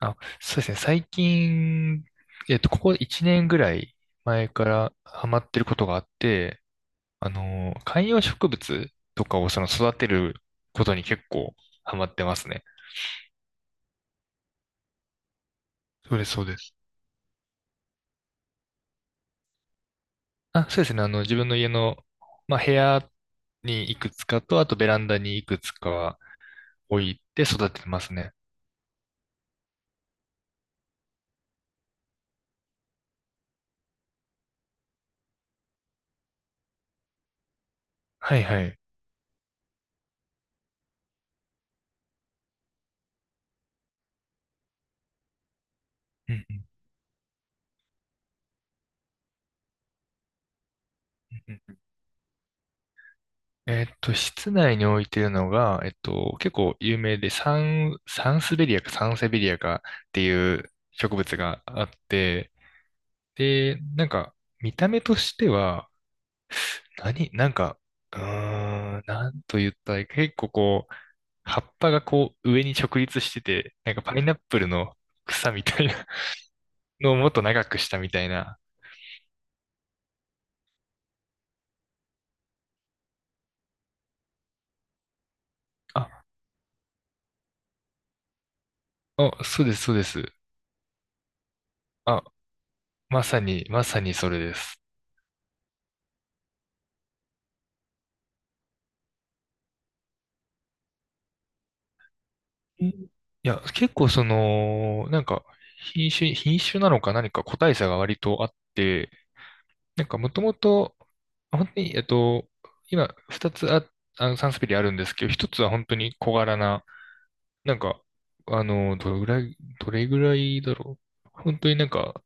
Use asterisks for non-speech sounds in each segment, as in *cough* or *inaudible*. あ、そうですね。最近、ここ1年ぐらい前からハマってることがあって、観葉植物とかを育てることに結構ハマってますね。そうです、そうです。あ、そうですね。自分の家の、まあ、部屋にいくつかと、あとベランダにいくつかは置いて育ててますね。はいはい。うんうんうんうん。室内に置いてるのが、結構有名で、サンスベリアかサンセベリアかっていう植物があって、で、なんか、見た目としては、なんか、うーなんと言ったらいいか、結構こう、葉っぱがこう、上に直立してて、なんかパイナップルの草みたいな *laughs* のをもっと長くしたみたいな。あ、あ、そうです、そうです。あ、まさに、まさにそれです。えいや、結構その、なんか、品種なのか何か個体差が割とあって、なんかもともと、本当に、今、二つサンスペリあるんですけど、一つは本当に小柄な、なんか、どれぐらいだろう。本当になんか、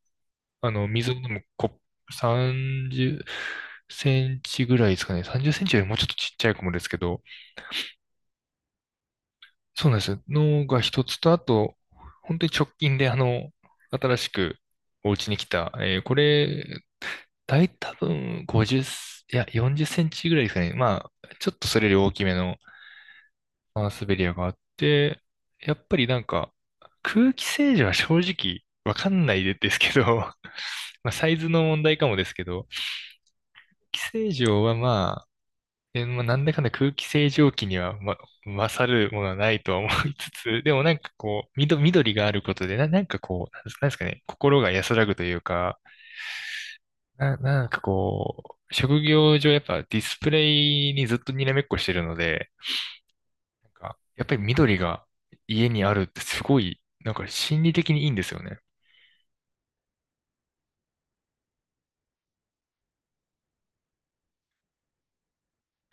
水を飲むコップ30センチぐらいですかね。30センチよりもうちょっとちっちゃい子もですけど、そうなんです。のが一つと、あと、本当に直近で、新しくお家に来た、これ、大多分50、いや、40センチぐらいですかね。まあ、ちょっとそれより大きめのマンスベリアがあって、やっぱりなんか、空気清浄は正直わかんないですけど、*laughs* まあ、サイズの問題かもですけど、空気清浄はまあ、なんだかんだ空気清浄機には、ま、勝るものはないとは思いつつ、*laughs* でもなんかこう、緑があることで、なんかこう、なんですかね、心が安らぐというか、なんかこう、職業上やっぱディスプレイにずっとにらめっこしてるので、なんか、やっぱり緑が家にあるってすごい、なんか心理的にいいんですよね。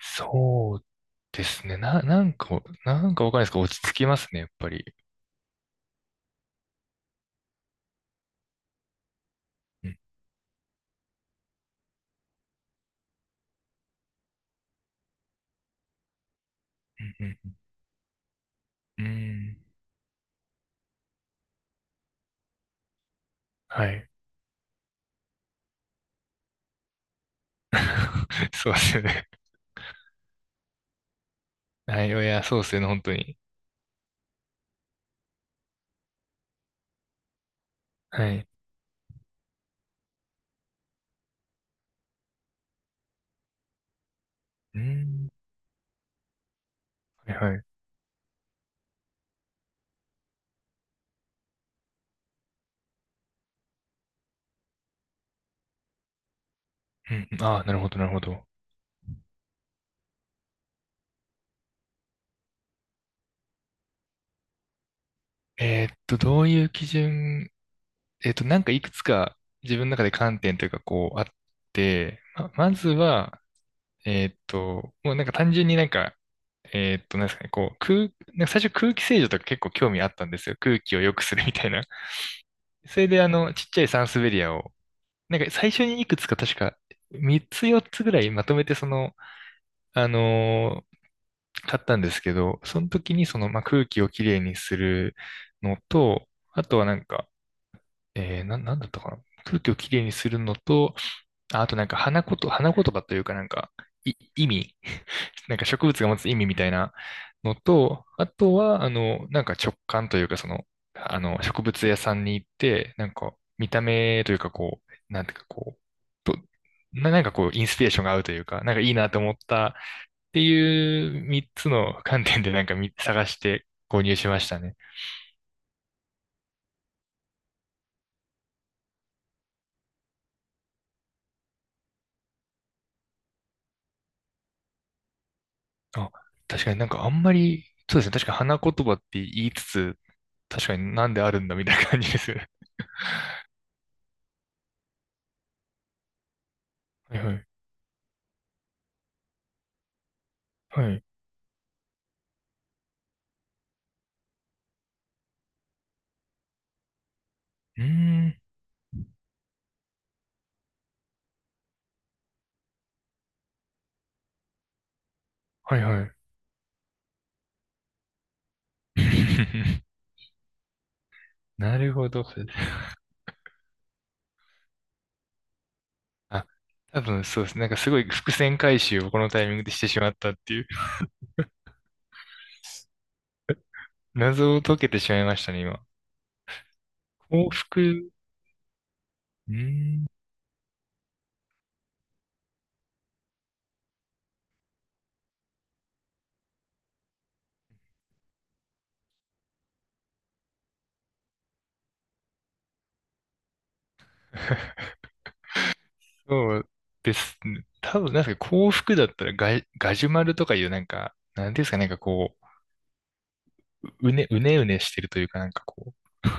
そうですね。なんかわかんないですけど、落ち着きますね、やっぱり。うん、うん、うん。うん、はい。*laughs* そうですよね。はい、いや、そうですよね、本当に。はい。うん。はいはい。うん。ああ、なるほど、なるほど。どういう基準、なんかいくつか自分の中で観点というか、こう、あって、まずは、もうなんか単純になんか、なんですかね、こう、なんか最初空気清浄とか結構興味あったんですよ。空気を良くするみたいな。*laughs* それで、ちっちゃいサンスベリアを、なんか最初にいくつか確か、3つ4つぐらいまとめてあの買ったんですけど、その時にまあ、空気をきれいにするのと、あとはなんか、なんだったかな。空気をきれいにするのと、あとなんか花言葉というかなんか、意味、*laughs* なんか植物が持つ意味みたいなのと、あとは、なんか直感というか、その、植物屋さんに行って、なんか、見た目というか、こう、なんていうか、こう、となんかこう、インスピレーションが合うというか、なんかいいなと思ったっていう3つの観点でなんか探して購入しましたね。あ、確かになんかあんまり、そうですね。確か花言葉って言いつつ、確かになんであるんだみたいな感じですよね。はいはい。はい。うーん。はいはい。*laughs* なるほど。あ、多分そうですね。なんかすごい伏線回収をこのタイミングでしてしまったっていう。謎を解けてしまいましたね、今。幸福。うーん。*laughs* そうですね。多分、なんか幸福だったらガジュマルとかいうなんか、なんていうんですか、なんかこう、うねうねしてるというか、なんかこう。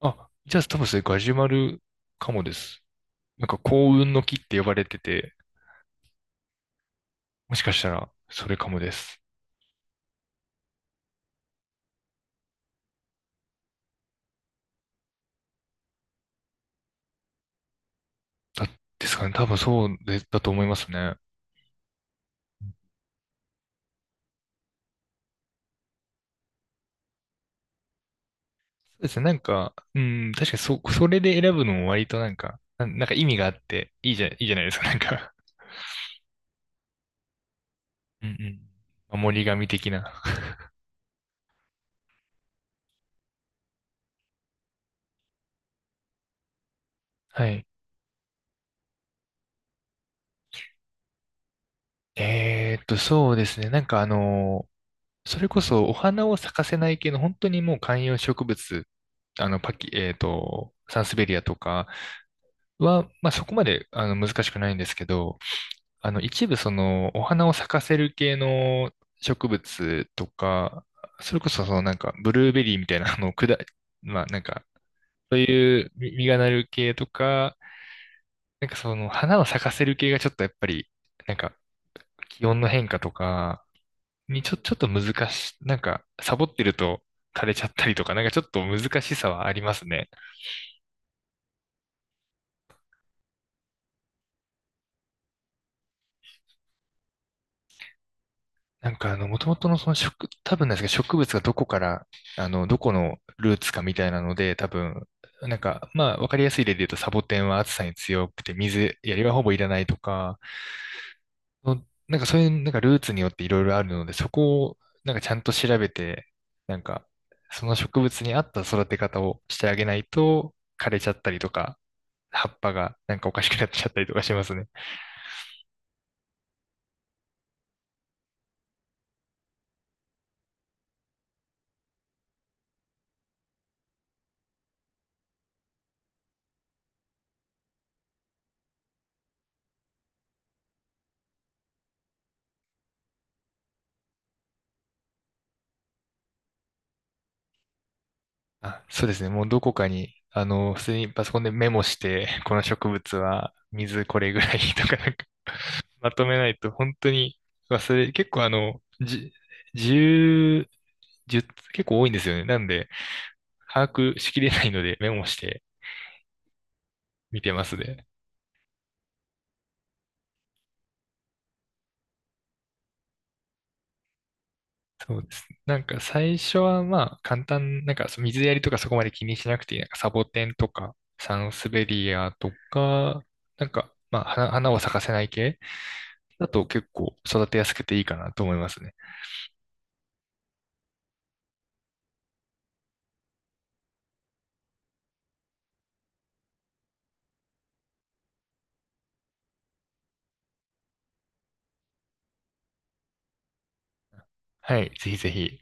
あ、じゃあ多分それガジュマルかもです。なんか幸運の木って呼ばれてて、もしかしたらそれかもです。だ、ですかね。多分そうで、だと思いますね。そうですね。なんか、うん、確かにそれで選ぶのも割となんか、なんか意味があって、いいじゃないですか。なんか、うんうん。守り神的な。はい。そうですね。なんかそれこそお花を咲かせない系の本当にもう観葉植物、パキ、えーっと、サンスベリアとかは、まあそこまで難しくないんですけど、一部そのお花を咲かせる系の植物とか、それこそそのなんかブルーベリーみたいなまあなんか、そういう実がなる系とか、なんかその花を咲かせる系がちょっとやっぱり、なんか気温の変化とか、にちょっと難し、なんか、サボってると枯れちゃったりとか、なんかちょっと難しさはありますね。なんか、もともとのその多分なんですけど、植物がどこから、どこのルーツかみたいなので、多分、なんか、まあ、わかりやすい例で言うと、サボテンは暑さに強くて、水やりはほぼいらないとか、そういう、なんかルーツによっていろいろあるので、そこを、なんかちゃんと調べて、なんか、その植物に合った育て方をしてあげないと、枯れちゃったりとか、葉っぱがなんかおかしくなっちゃったりとかしますね。あ、そうですね。もうどこかに、普通にパソコンでメモして、この植物は水これぐらいとかなんかまとめないと本当に忘れ、結構10、じゅう結構多いんですよね。なんで、把握しきれないのでメモして見てますね。そうですね。なんか最初はまあ簡単、なんかそう水やりとかそこまで気にしなくていい。なんかサボテンとかサンスベリアとか、なんかまあ花を咲かせない系だと結構育てやすくていいかなと思いますね。はい。ぜひぜひ。